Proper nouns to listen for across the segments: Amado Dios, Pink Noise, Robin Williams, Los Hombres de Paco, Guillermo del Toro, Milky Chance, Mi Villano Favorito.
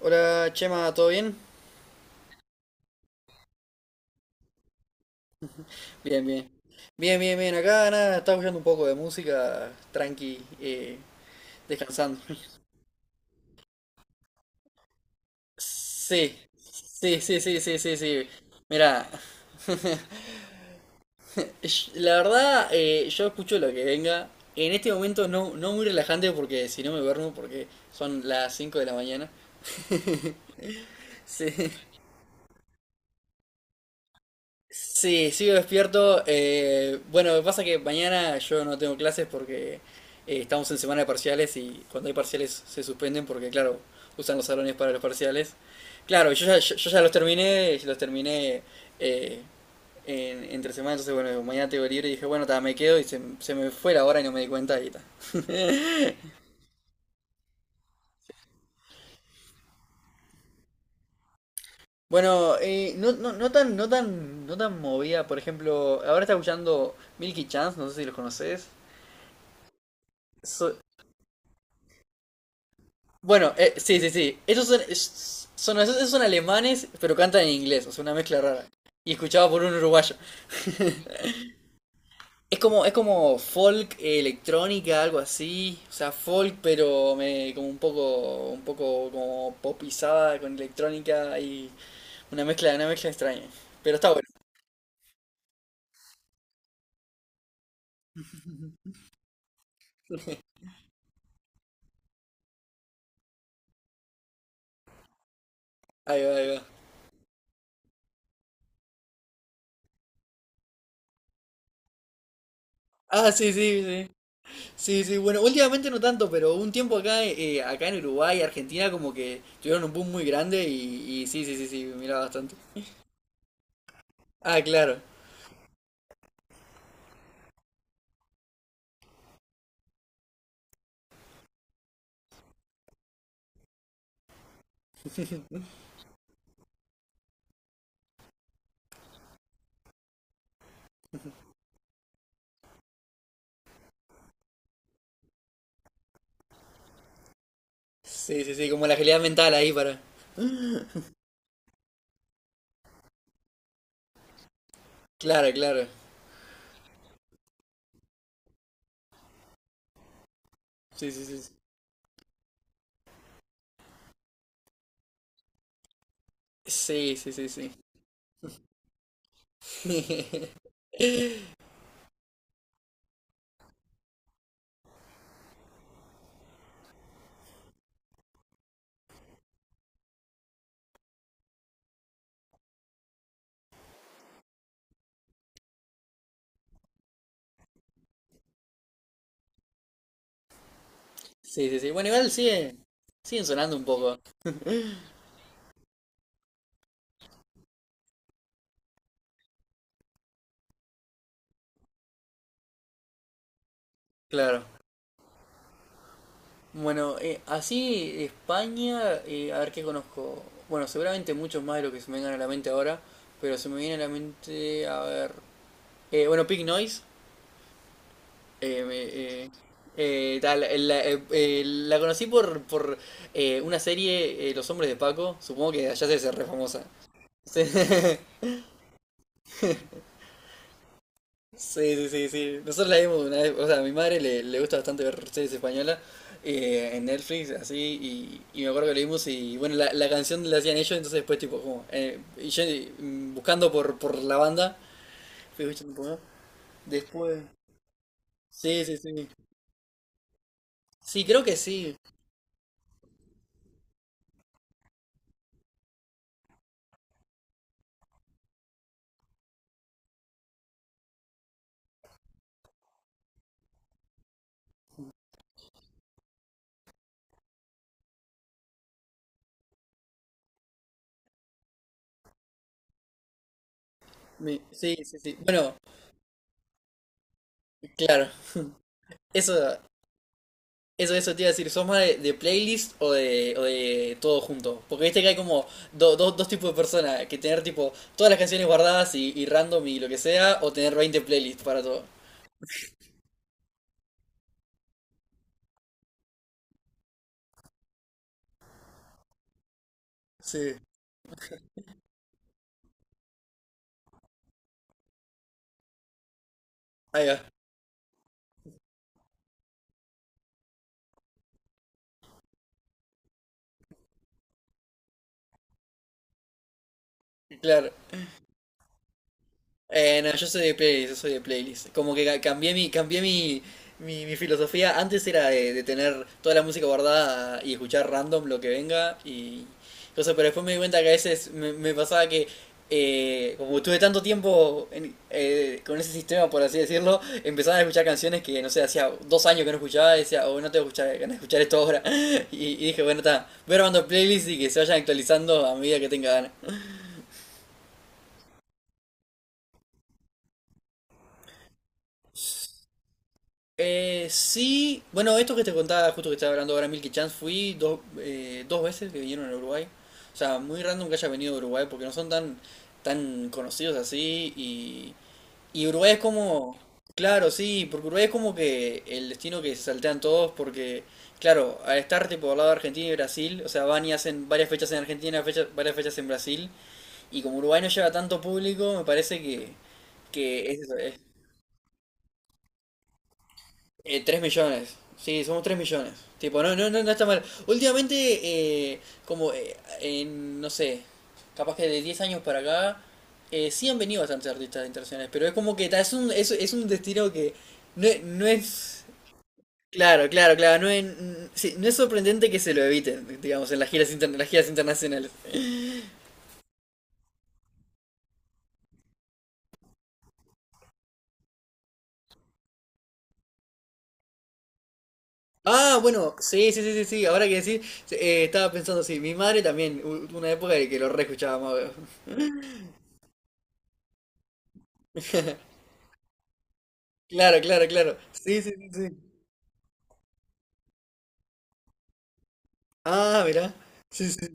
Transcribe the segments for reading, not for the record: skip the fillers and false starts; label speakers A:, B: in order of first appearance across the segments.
A: Hola Chema, ¿todo bien? Bien, bien. Bien, bien, bien. Acá nada, estaba escuchando un poco de música, tranqui, descansando. Sí, sí, sí, sí, sí, sí, sí. Mira, la verdad, yo escucho lo que venga. En este momento no, no muy relajante porque si no me duermo porque son las 5 de la mañana. Sí. Sí, sigo despierto. Bueno, me pasa que mañana yo no tengo clases porque estamos en semana de parciales y cuando hay parciales se suspenden porque, claro, usan los salones para los parciales. Claro, yo ya, yo ya los terminé, eh, entre semana, entonces, bueno, mañana tengo libre y dije, bueno, ta, me quedo y se me fue la hora y no me di cuenta y ta. Bueno, no, no, no tan, no tan, no tan movida, por ejemplo, ahora está escuchando Milky Chance, no sé si los conoces. So. Bueno, sí, sí, sí. Ellos son, esos son alemanes, pero cantan en inglés, o sea, una mezcla rara. Y escuchado por un uruguayo. Es como folk, electrónica, algo así. O sea, folk, pero como un poco como popizada con electrónica y una mezcla extraña. Pero está bueno. Ahí va, ahí va. Ah, sí, sí, sí. Sí, sí. Bueno, últimamente no tanto, pero un tiempo acá en Uruguay, Argentina, como que tuvieron un boom muy grande y sí, sí, sí, sí, miraba bastante. Ah, claro. Sí, sí, sí, como la agilidad mental ahí para. Claro, claro. Sí, sí, sí. Sí, sí, sí, sí. Sí, sí, sí. Sí. Bueno, igual siguen sonando un poco. Claro. Bueno, así España, a ver qué conozco. Bueno, seguramente muchos más de lo que se me vengan a la mente ahora, pero se me viene a la mente, a ver. Bueno, Pink Noise. eh, me- eh, la conocí por, por una serie, Los Hombres de Paco. Supongo que allá se hace re famosa. Sí, sí, sí, sí, sí. Nosotros la vimos una vez, o sea, a mi madre le gusta bastante ver series españolas en Netflix, así, y me acuerdo que la vimos y bueno, la canción la hacían ellos, entonces después tipo, como, y yo buscando por la banda, fui escuchando un poco, después, sí, sí, sí, sí, creo que sí. Sí, sí, sí, bueno, claro, eso. Eso te iba a decir, ¿sos más de playlist o de todo junto? Porque viste que hay como dos tipos de personas, que tener tipo todas las canciones guardadas y random y lo que sea, o tener 20 playlists para todo. Sí. Ahí va, claro. No, yo soy de playlist, yo soy de playlist. Como que cambié mi filosofía. Antes era de tener toda la música guardada y escuchar random lo que venga y cosas, pero después me di cuenta que a veces me pasaba que como estuve tanto tiempo con ese sistema, por así decirlo, empezaba a escuchar canciones que, no sé, hacía 2 años que no escuchaba y decía, oh, no tengo que escuchar, ganas de escuchar esto ahora. Y dije, bueno, está, voy armando playlists y que se vayan actualizando a medida que tenga ganas. Sí, bueno, esto que te contaba, justo que estaba hablando ahora, Milky Chance, fui dos veces que vinieron a Uruguay. O sea, muy random que haya venido a Uruguay porque no son tan, tan conocidos así. Y Uruguay es como, claro, sí, porque Uruguay es como que el destino que se saltean todos porque, claro, al estar tipo al lado de Argentina y Brasil, o sea, van y hacen varias fechas en Argentina, varias fechas en Brasil. Y como Uruguay no lleva tanto público, me parece que es eso. 3 millones. Sí, somos 3 millones. Tipo, no, no, no, no está mal. Últimamente, eh, como, en, no sé, capaz que de 10 años para acá, sí han venido bastantes artistas internacionales, pero es como que ta, es un destino que no es. Claro, claro, claro, sí, no es sorprendente que se lo eviten, digamos, en las giras, las giras internacionales. Ah, bueno, sí, sí, sí, sí, sí, ahora que decís, estaba pensando, sí, mi madre también, una época de que lo re escuchábamos. Claro, claro, claro. Sí, sí, sí, sí. Ah, mira. Sí, sí.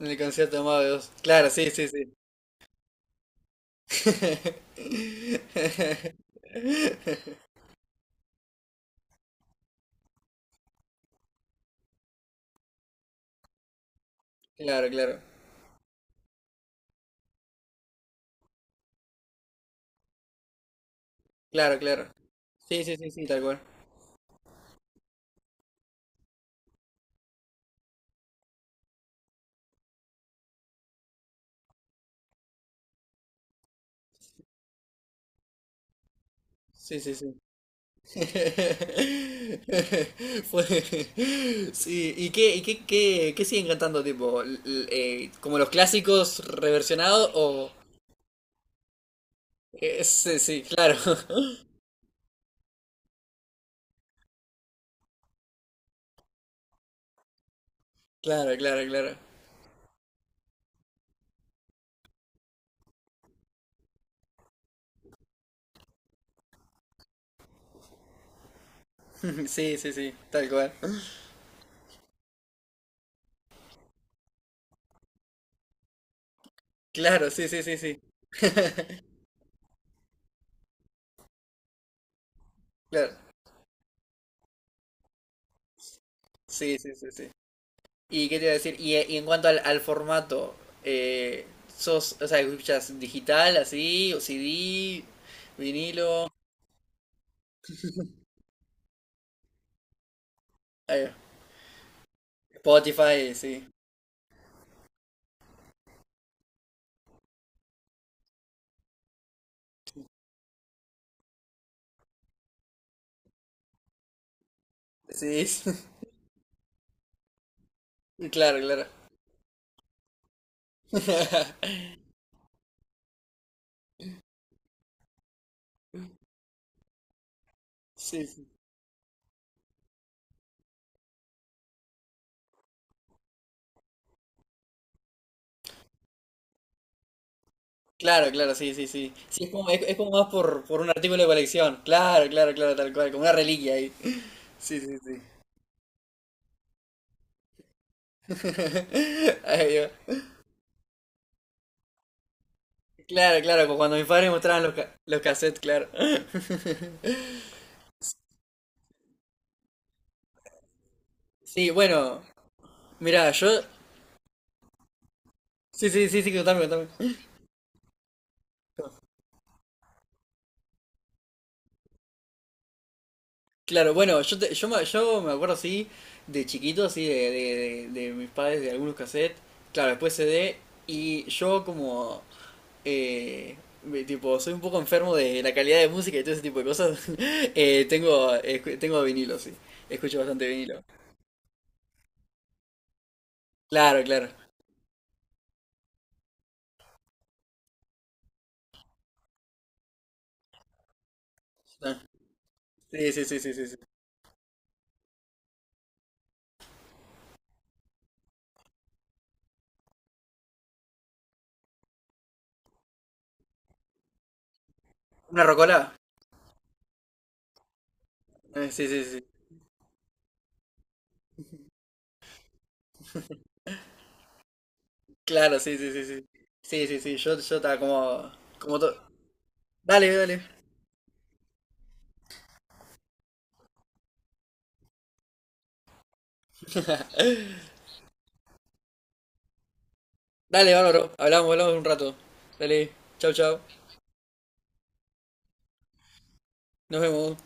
A: En el concierto de Amado Dios. Claro, sí, sí, sí. Claro, claro. Claro, claro. Sí, sí, sí, sí, tal cual. Sí, sí, sí. Fue- Sí, ¿qué siguen cantando, tipo? ¿Como los clásicos reversionados o? Sí, sí, claro. Claro, claro, claro. Sí, sí, sí, tal cual. Claro, sí, sí, sí, sí. Claro. Sí, sí, sí, sí. ¿Y qué te iba a decir? Y en cuanto al formato, eh, ¿sos, o sea, escuchas digital así, o CD, vinilo, eh, Spotify, sí? Sí, sí, claro, claro. Sí, sí. Claro, claro, sí, sí, sí. Sí, es como más por un artículo de colección. Claro, claro, claro, tal cual, como una reliquia ahí. Sí, sí, sí. Ay, Dios. Claro, claro, como cuando mis padres mostraban los, los cassettes, claro. Sí, bueno, mira, yo. Sí, sí, sí, sí, contame, contame. Claro, bueno, yo me acuerdo así, de chiquito, así, de mis padres, de algunos cassettes, claro, después CD, y yo como, eh, tipo, soy un poco enfermo de la calidad de música y todo ese tipo de cosas, tengo vinilo, sí, escucho bastante vinilo. Claro, claro. Ah, sí, sí, sí, sí, sí. Sí. ¿Una rocola? Sí, sí, sí. Sí. Claro, sí, sí, sí, sí. Sí, sí, sí, yo estaba como, todo. Dale, dale. Dale, bárbaro. Hablamos, hablamos en un rato. Dale, chao, chao. Nos vemos.